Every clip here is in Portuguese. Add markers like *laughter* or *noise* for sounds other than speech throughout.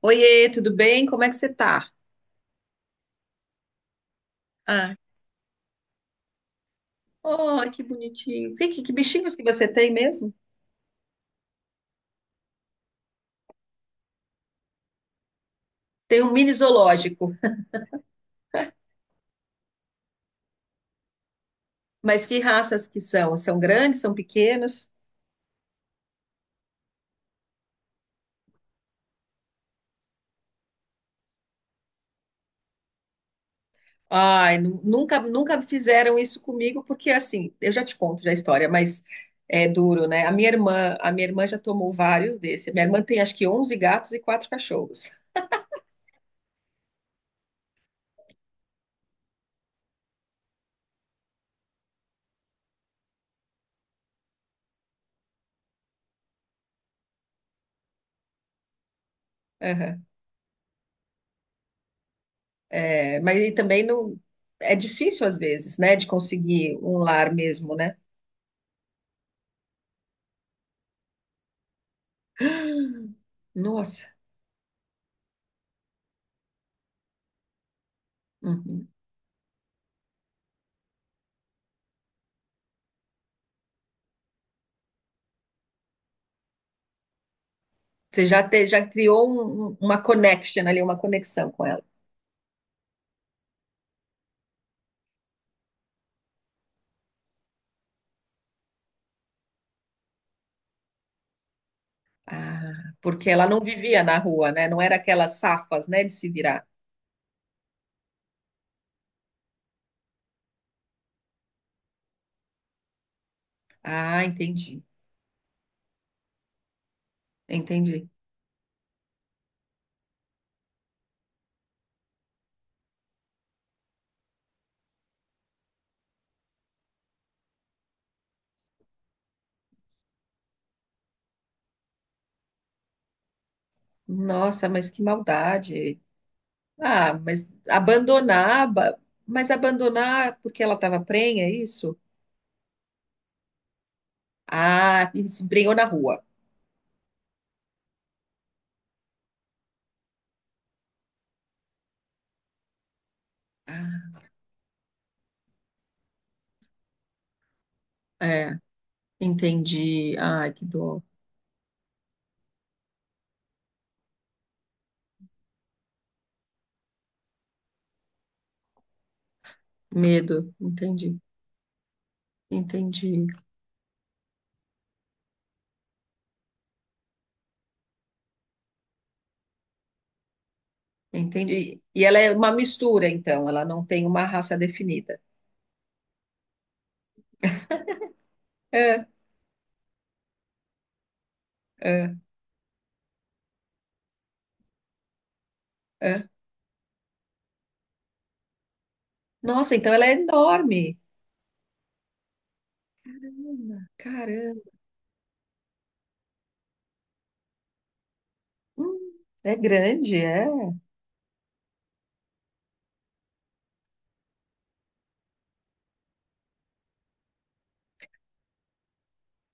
Oiê, tudo bem? Como é que você tá? Ah, oh, que bonitinho. Que bichinhos que você tem mesmo? Tem um mini zoológico, mas que raças que são? São grandes, são pequenos? Ai, nunca fizeram isso comigo, porque assim, eu já te conto já a história, mas é duro, né? A minha irmã já tomou vários desses. Minha irmã tem acho que onze gatos e quatro cachorros. Aham. É, mas e também não é difícil às vezes, né, de conseguir um lar mesmo, né? *gasps* Nossa. Uhum. Já criou uma connection ali, uma conexão com ela. Ah, porque ela não vivia na rua, né? Não era aquelas safas, né, de se virar. Ah, entendi, entendi. Nossa, mas que maldade. Ah, mas abandonar, mas abandonar porque ela estava prenha, é isso? Ah, e se prenhou na rua. Ah, é, entendi. Ai, que dor. Medo, entendi, entendi. Entendi. E ela é uma mistura, então, ela não tem uma raça definida. É, é, é. Nossa, então ela é enorme. Ana, caramba. É grande, é.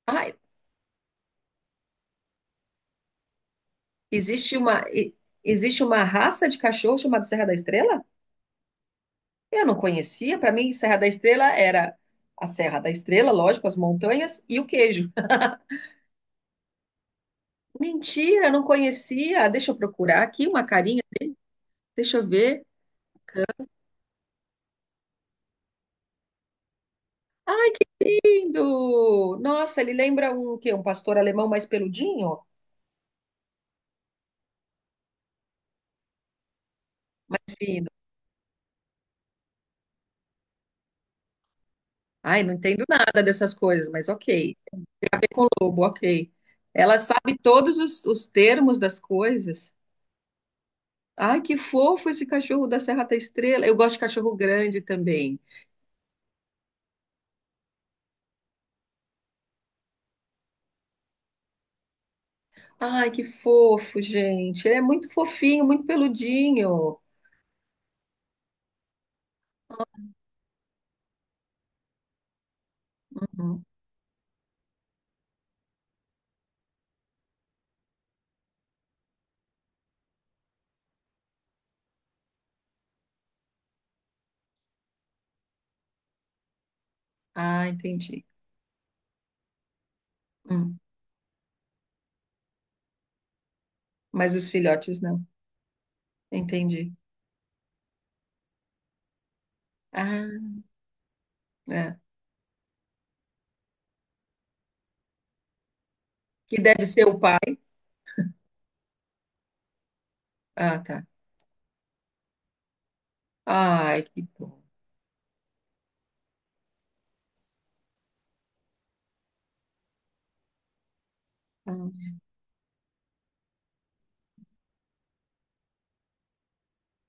Ai, existe uma, existe uma raça de cachorro chamada Serra da Estrela? Eu não conhecia. Para mim, Serra da Estrela era a Serra da Estrela, lógico, as montanhas e o queijo. Mentira, não conhecia. Deixa eu procurar aqui uma carinha. Deixa eu ver. Ah, lindo! Nossa, ele lembra um que um pastor alemão mais peludinho, mais fino. Ai, não entendo nada dessas coisas, mas ok. Lobo, ok. Ela sabe todos os termos das coisas. Ai, que fofo esse cachorro da Serra da Estrela. Eu gosto de cachorro grande também. Ai, que fofo, gente. Ele é muito fofinho, muito peludinho. Hum. Ah, entendi. Hum. Mas os filhotes não. Entendi. Ah, é. Que deve ser o pai. Ah, tá. Ai, que bom.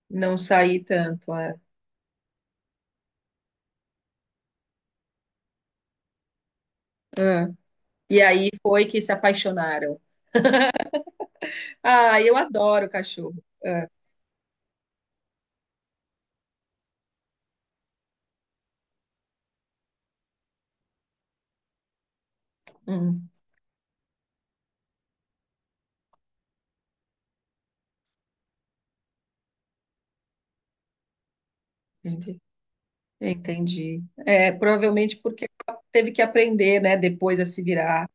Não saí tanto, é. É. E aí foi que se apaixonaram. Ah, eu adoro cachorro. É. Hum, entendi. Entendi. É, provavelmente porque ela teve que aprender, né, depois a se virar.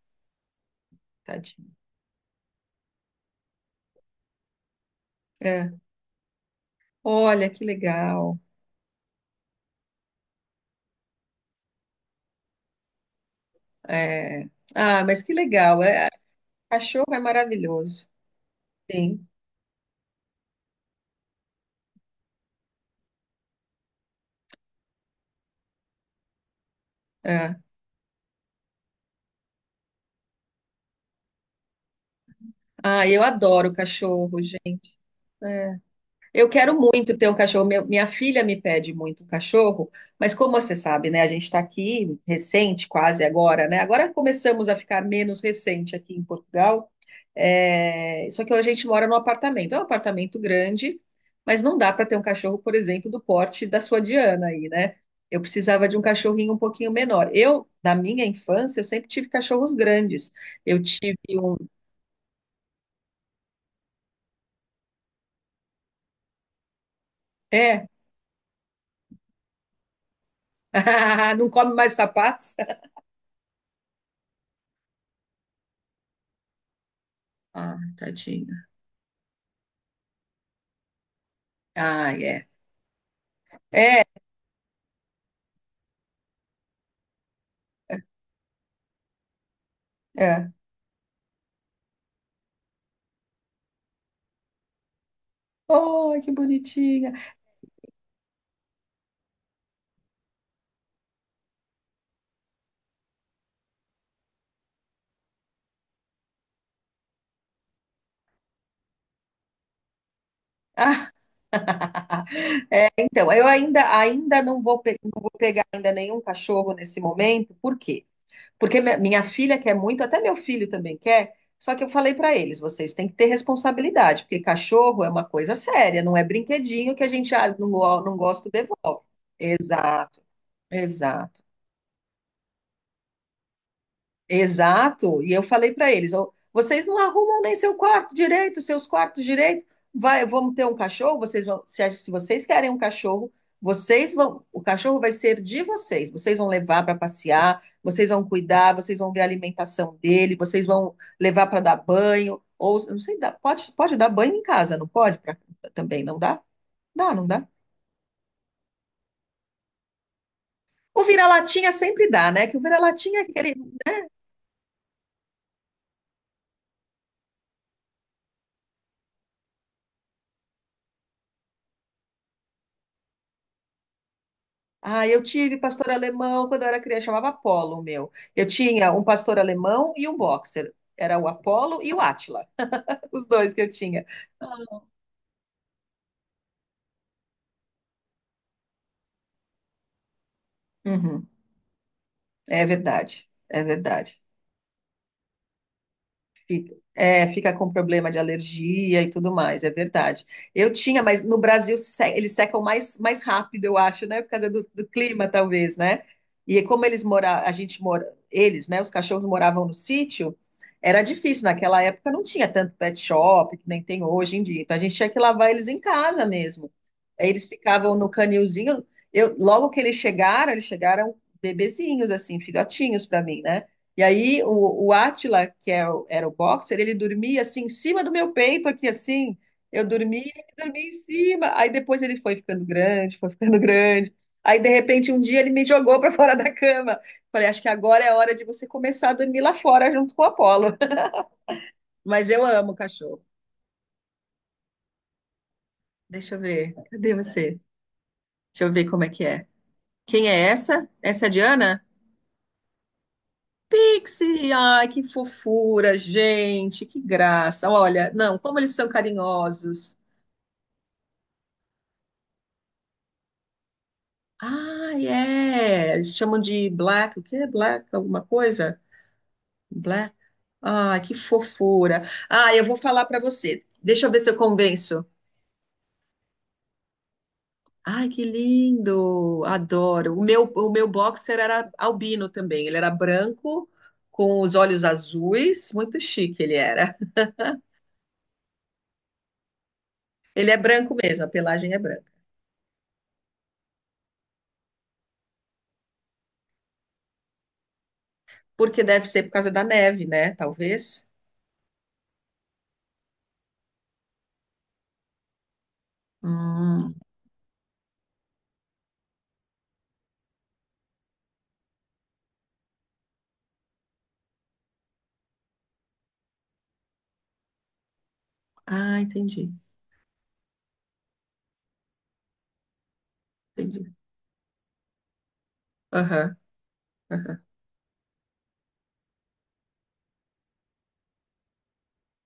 Tadinho. É. Olha, que legal. É. Ah, mas que legal. É, cachorro é maravilhoso. Sim. É. Ah, eu adoro cachorro, gente. É. Eu quero muito ter um cachorro. Minha filha me pede muito um cachorro, mas como você sabe, né? A gente está aqui recente, quase agora, né? Agora começamos a ficar menos recente aqui em Portugal. É, só que a gente mora num apartamento. É um apartamento grande, mas não dá para ter um cachorro, por exemplo, do porte da sua Diana aí, né? Eu precisava de um cachorrinho um pouquinho menor. Eu, na minha infância, eu sempre tive cachorros grandes. Eu tive um. É? *laughs* Não come mais sapatos? Ah, tadinho. Ah, é. É, é. Oh, que bonitinha. *laughs* Então, eu ainda não vou, não vou pegar ainda nenhum cachorro nesse momento. Por quê? Porque minha filha quer muito, até meu filho também quer. Só que eu falei para eles, vocês têm que ter responsabilidade, porque cachorro é uma coisa séria, não é brinquedinho que a gente, ah, não, não gosto, devolve. Exato, exato. Exato. E eu falei para eles, ó, vocês não arrumam nem seu quarto direito, seus quartos direito. Vai, vamos ter um cachorro, vocês vão, se vocês querem um cachorro, vocês vão, o cachorro vai ser de vocês. Vocês vão levar para passear, vocês vão cuidar, vocês vão ver a alimentação dele, vocês vão levar para dar banho ou eu não sei, pode dar banho em casa, não pode também, não dá? Dá, não dá? O vira-latinha sempre dá, né? Que o vira-latinha é aquele. Ah, eu tive pastor alemão quando eu era criança, chamava Apolo o meu. Eu tinha um pastor alemão e um boxer. Era o Apolo e o Átila, *laughs* os dois que eu tinha. Ah, uhum. É verdade, é verdade. Fica, é, fica com problema de alergia e tudo mais, é verdade. Eu tinha, mas no Brasil eles secam mais, mais rápido, eu acho, né? Por causa do, do clima, talvez, né? E como eles moravam, a gente mora, eles, né? Os cachorros moravam no sítio, era difícil. Naquela época não tinha tanto pet shop, que nem tem hoje em dia. Então a gente tinha que lavar eles em casa mesmo. Aí eles ficavam no canilzinho. Eu, logo que eles chegaram bebezinhos, assim, filhotinhos para mim, né? E aí o Átila, que é era o boxer, ele dormia assim em cima do meu peito, aqui assim. Eu dormia, ele dormia em cima. Aí depois ele foi ficando grande, foi ficando *laughs* grande. Aí de repente um dia ele me jogou para fora da cama. Falei, acho que agora é a hora de você começar a dormir lá fora junto com o Apolo. *laughs* Mas eu amo cachorro. Deixa eu ver. Cadê você? Deixa eu ver como é que é. Quem é essa? Essa é a Diana? Pixie! Ai, que fofura, gente, que graça. Olha, não, como eles são carinhosos. Ah, é. Eles chamam de black. O que é black? Alguma coisa? Black. Ah, que fofura. Ah, eu vou falar para você. Deixa eu ver se eu convenço. Ai, que lindo. Adoro. O meu boxer era albino também. Ele era branco, com os olhos azuis. Muito chique ele era. *laughs* Ele é branco mesmo, a pelagem é branca. Porque deve ser por causa da neve, né? Talvez. Hum. Ah, entendi. Entendi. Aham, aham.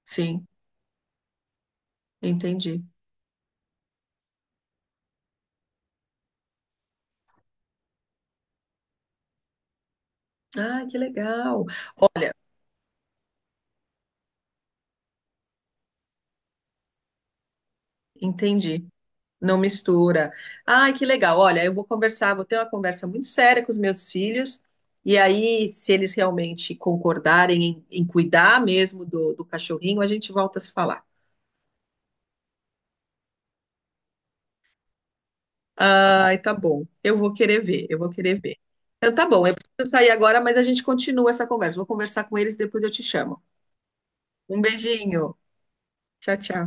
Sim, entendi. Ah, que legal. Olha, entendi. Não mistura. Ah, que legal. Olha, eu vou conversar, vou ter uma conversa muito séria com os meus filhos. E aí, se eles realmente concordarem em, em cuidar mesmo do, do cachorrinho, a gente volta a se falar. Ai, tá bom. Eu vou querer ver, eu vou querer ver. Então, tá bom. Eu preciso sair agora, mas a gente continua essa conversa. Vou conversar com eles, depois eu te chamo. Um beijinho. Tchau, tchau.